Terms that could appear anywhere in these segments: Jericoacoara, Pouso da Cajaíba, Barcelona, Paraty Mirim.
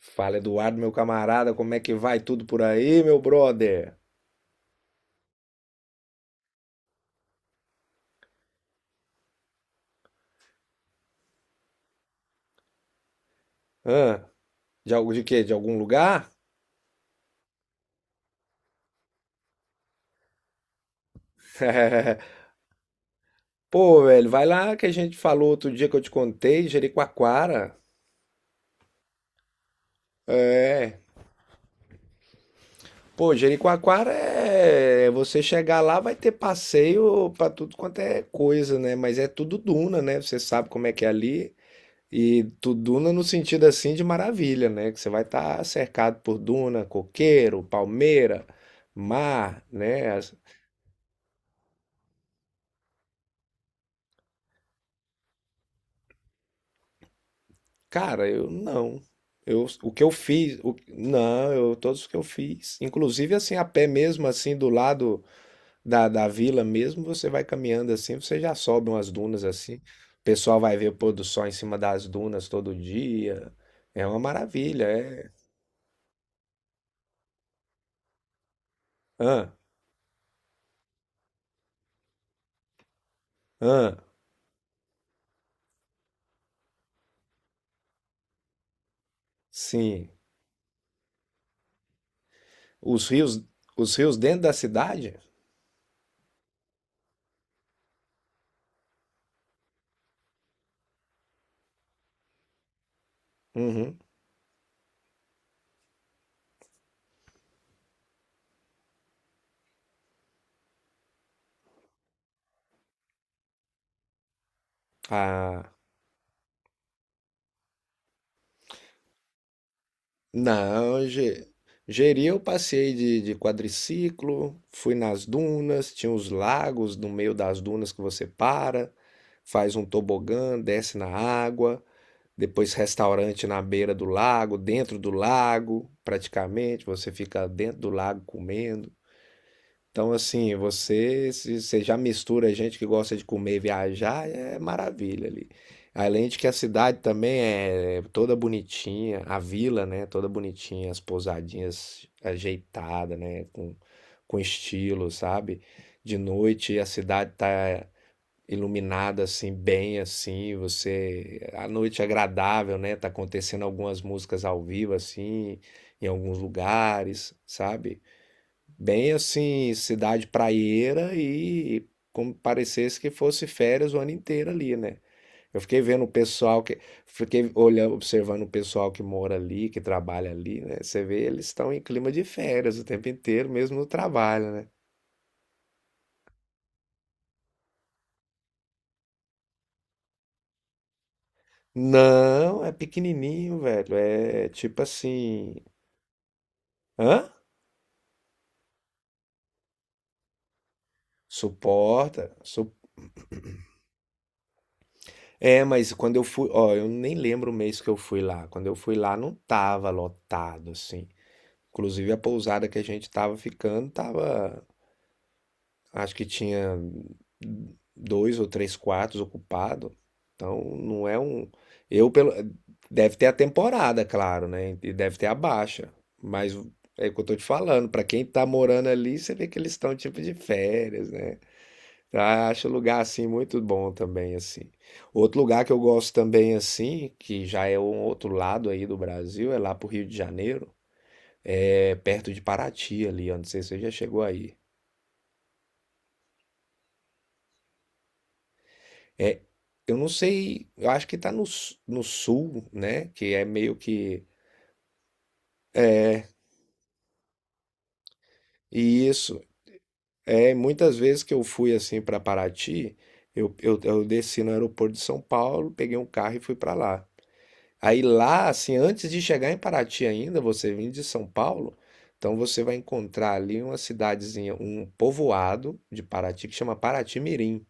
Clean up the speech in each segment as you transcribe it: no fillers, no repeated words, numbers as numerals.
Fala, Eduardo, meu camarada, como é que vai tudo por aí, meu brother? Hã? De algo de quê? De algum lugar? Pô, velho, vai lá que a gente falou outro dia que eu te contei, Jericoacoara. É. Pô, Jericoacoara é. Você chegar lá vai ter passeio pra tudo quanto é coisa, né? Mas é tudo duna, né? Você sabe como é que é ali. E tudo duna no sentido assim de maravilha, né? Que você vai estar cercado por duna, coqueiro, palmeira, mar, né? Cara, eu não. Eu, o que eu fiz, não, eu, todos os que eu fiz, inclusive assim a pé mesmo, assim do lado da vila mesmo, você vai caminhando assim, você já sobe umas dunas assim, o pessoal vai ver o pôr do sol em cima das dunas todo dia, é uma maravilha, é. Ah, ah, sim. Os rios, os rios dentro da cidade? Uhum. Ah, não, Jeri eu passei de quadriciclo, fui nas dunas, tinha os lagos no meio das dunas que você para, faz um tobogã, desce na água, depois restaurante na beira do lago, dentro do lago, praticamente, você fica dentro do lago comendo. Então, assim, você, se você já mistura gente que gosta de comer e viajar, é maravilha ali. Além de que a cidade também é toda bonitinha, a vila, né, toda bonitinha, as pousadinhas ajeitadas, né, com estilo, sabe? De noite a cidade tá iluminada assim, bem assim, você, a noite é agradável, né? Tá acontecendo algumas músicas ao vivo assim, em alguns lugares, sabe? Bem assim, cidade praieira e como parecesse que fosse férias o ano inteiro ali, né? Eu fiquei vendo o pessoal que, fiquei olhando, observando o pessoal que mora ali, que trabalha ali, né? Você vê, eles estão em clima de férias o tempo inteiro, mesmo no trabalho, né? Não, é pequenininho, velho. É tipo assim, hã? Suporta, é, mas quando eu fui, ó, eu nem lembro o mês que eu fui lá. Quando eu fui lá, não tava lotado, assim. Inclusive a pousada que a gente tava ficando tava, acho que tinha dois ou três quartos ocupados. Então não é um, eu pelo deve ter a temporada, claro, né? E deve ter a baixa, mas é o que eu tô te falando, pra quem tá morando ali, você vê que eles estão tipo de férias, né? Eu acho o lugar assim muito bom também assim. Outro lugar que eu gosto também assim, que já é um outro lado aí do Brasil, é lá pro Rio de Janeiro, é perto de Paraty ali, eu não sei se você já chegou aí. É, eu não sei, eu acho que tá no sul, né? Que é meio que. E isso, é, muitas vezes que eu fui assim para Paraty, eu desci no aeroporto de São Paulo, peguei um carro e fui para lá. Aí lá, assim, antes de chegar em Paraty ainda, você vindo de São Paulo, então você vai encontrar ali uma cidadezinha, um povoado de Paraty que chama Paraty Mirim.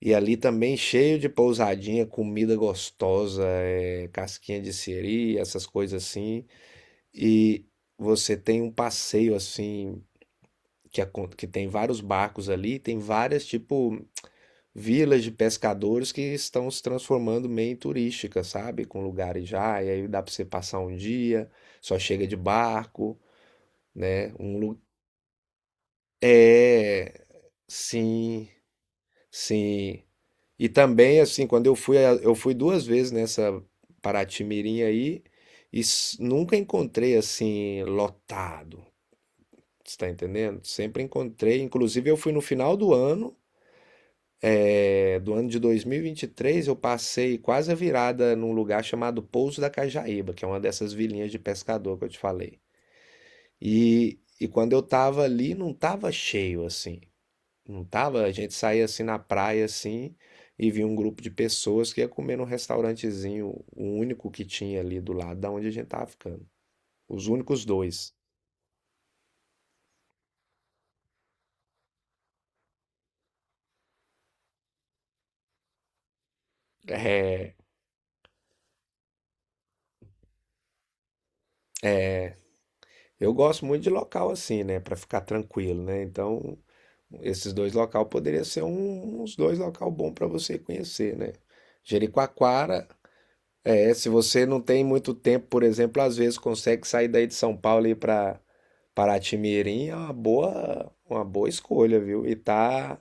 E ali também cheio de pousadinha, comida gostosa, casquinha de siri, essas coisas assim. E você tem um passeio assim, que, que tem vários barcos ali, tem várias, tipo, vilas de pescadores que estão se transformando meio em turística, sabe? Com lugares já, e aí dá pra você passar um dia, só chega de barco, né? É, sim, sim. E também, assim, quando eu fui duas vezes nessa Paraty-Mirim aí e nunca encontrei assim lotado. Você tá entendendo? Sempre encontrei. Inclusive, eu fui no final do ano, é, do ano de dois mil e vinte e três, eu passei quase a virada num lugar chamado Pouso da Cajaíba, que é uma dessas vilinhas de pescador que eu te falei. E quando eu tava ali, não tava cheio assim. Não tava? A gente saía assim na praia assim e via um grupo de pessoas que ia comer num restaurantezinho, o único que tinha ali do lado da onde a gente tava ficando. Os únicos dois. É, eu gosto muito de local assim, né, pra ficar tranquilo, né? Então, esses dois local poderiam ser uns dois local bom pra você conhecer, né? Jericoacoara, é, se você não tem muito tempo, por exemplo, às vezes consegue sair daí de São Paulo e ir para Paraty-Mirim, é uma boa escolha, viu? E tá.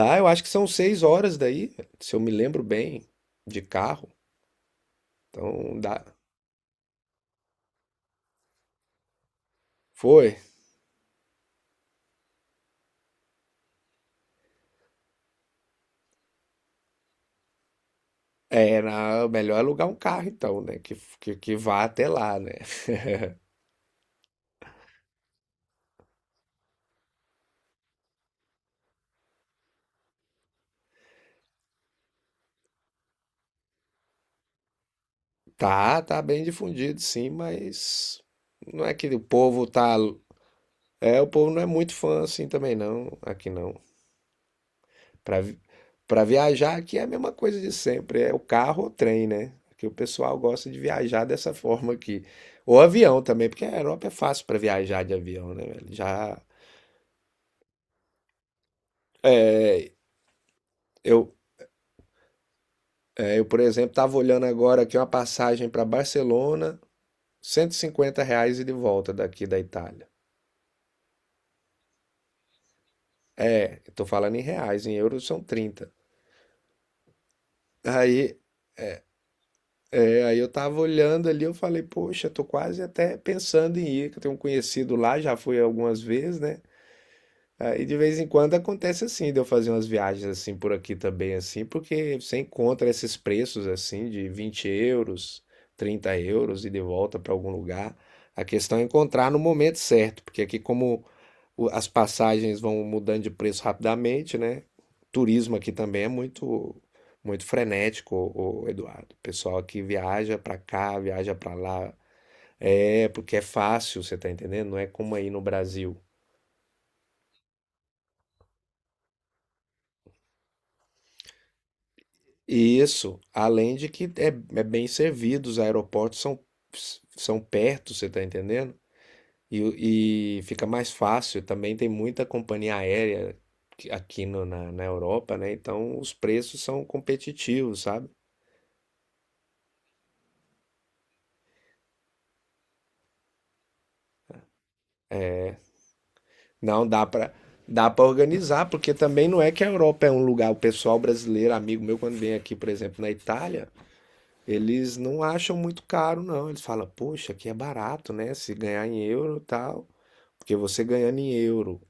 Ah, eu acho que são 6 horas daí, se eu me lembro bem, de carro. Então dá. Foi. É, melhor é alugar um carro então, né? Que vá até lá, né? Tá, tá bem difundido, sim, mas não é que o povo tá. É, o povo não é muito fã assim também, não, aqui não. Para para viajar aqui é a mesma coisa de sempre, é o carro ou trem, né? Que o pessoal gosta de viajar dessa forma aqui. Ou avião também, porque a Europa é fácil para viajar de avião, né, velho? Já eu, é, eu, por exemplo, tava olhando agora aqui uma passagem para Barcelona, R$ 150, e de volta daqui da Itália. É, eu tô falando em reais, em euros são 30. Aí, aí, eu tava olhando ali, eu falei, poxa, tô quase até pensando em ir, que eu tenho um conhecido lá, já fui algumas vezes, né? Aí de vez em quando acontece assim, de eu fazer umas viagens assim por aqui também, assim, porque você encontra esses preços assim de 20 euros, 30 euros, e de volta para algum lugar. A questão é encontrar no momento certo, porque aqui como as passagens vão mudando de preço rapidamente, né? Turismo aqui também é muito muito frenético, o Eduardo. O pessoal aqui viaja para cá, viaja para lá. É, porque é fácil, você tá entendendo? Não é como aí no Brasil. Isso, além de que é, é bem servido, os aeroportos são, são perto, você está entendendo? E, e fica mais fácil. Também tem muita companhia aérea aqui na Europa, né? Então os preços são competitivos, sabe? Não dá para dá para organizar, porque também não é que a Europa é um lugar. O pessoal brasileiro, amigo meu, quando vem aqui, por exemplo, na Itália, eles não acham muito caro, não. Eles falam, poxa, aqui é barato, né? Se ganhar em euro e tal. Porque você ganhando em euro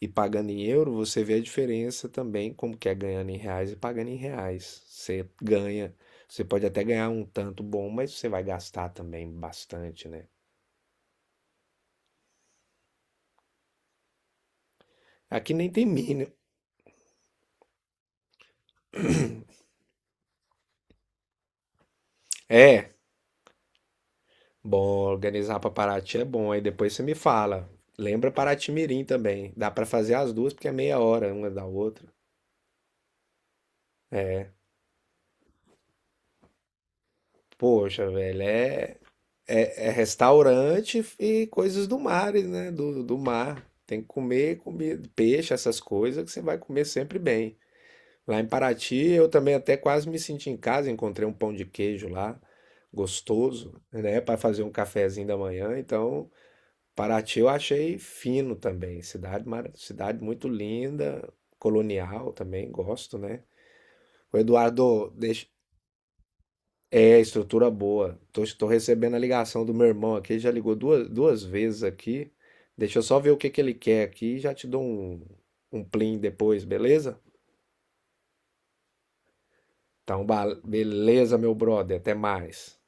e pagando em euro, você vê a diferença também, como que é ganhando em reais e pagando em reais. Você ganha, você pode até ganhar um tanto bom, mas você vai gastar também bastante, né? Aqui nem tem mínimo. É, bom, organizar para Paraty é bom, aí depois você me fala. Lembra Paraty-Mirim também. Dá para fazer as duas, porque é meia hora uma da outra. Poxa, velho, é restaurante e coisas do mar, né? Do mar. Tem que comer, comer peixe, essas coisas que você vai comer sempre bem. Lá em Paraty, eu também até quase me senti em casa, encontrei um pão de queijo lá, gostoso, né, para fazer um cafezinho da manhã. Então, Paraty eu achei fino também, cidade, cidade muito linda, colonial também, gosto, né? O Eduardo, deixa, é estrutura boa. Tô recebendo a ligação do meu irmão aqui, ele já ligou duas vezes aqui. Deixa eu só ver o que que ele quer aqui e já te dou um plim depois, beleza? Então, beleza, meu brother, até mais.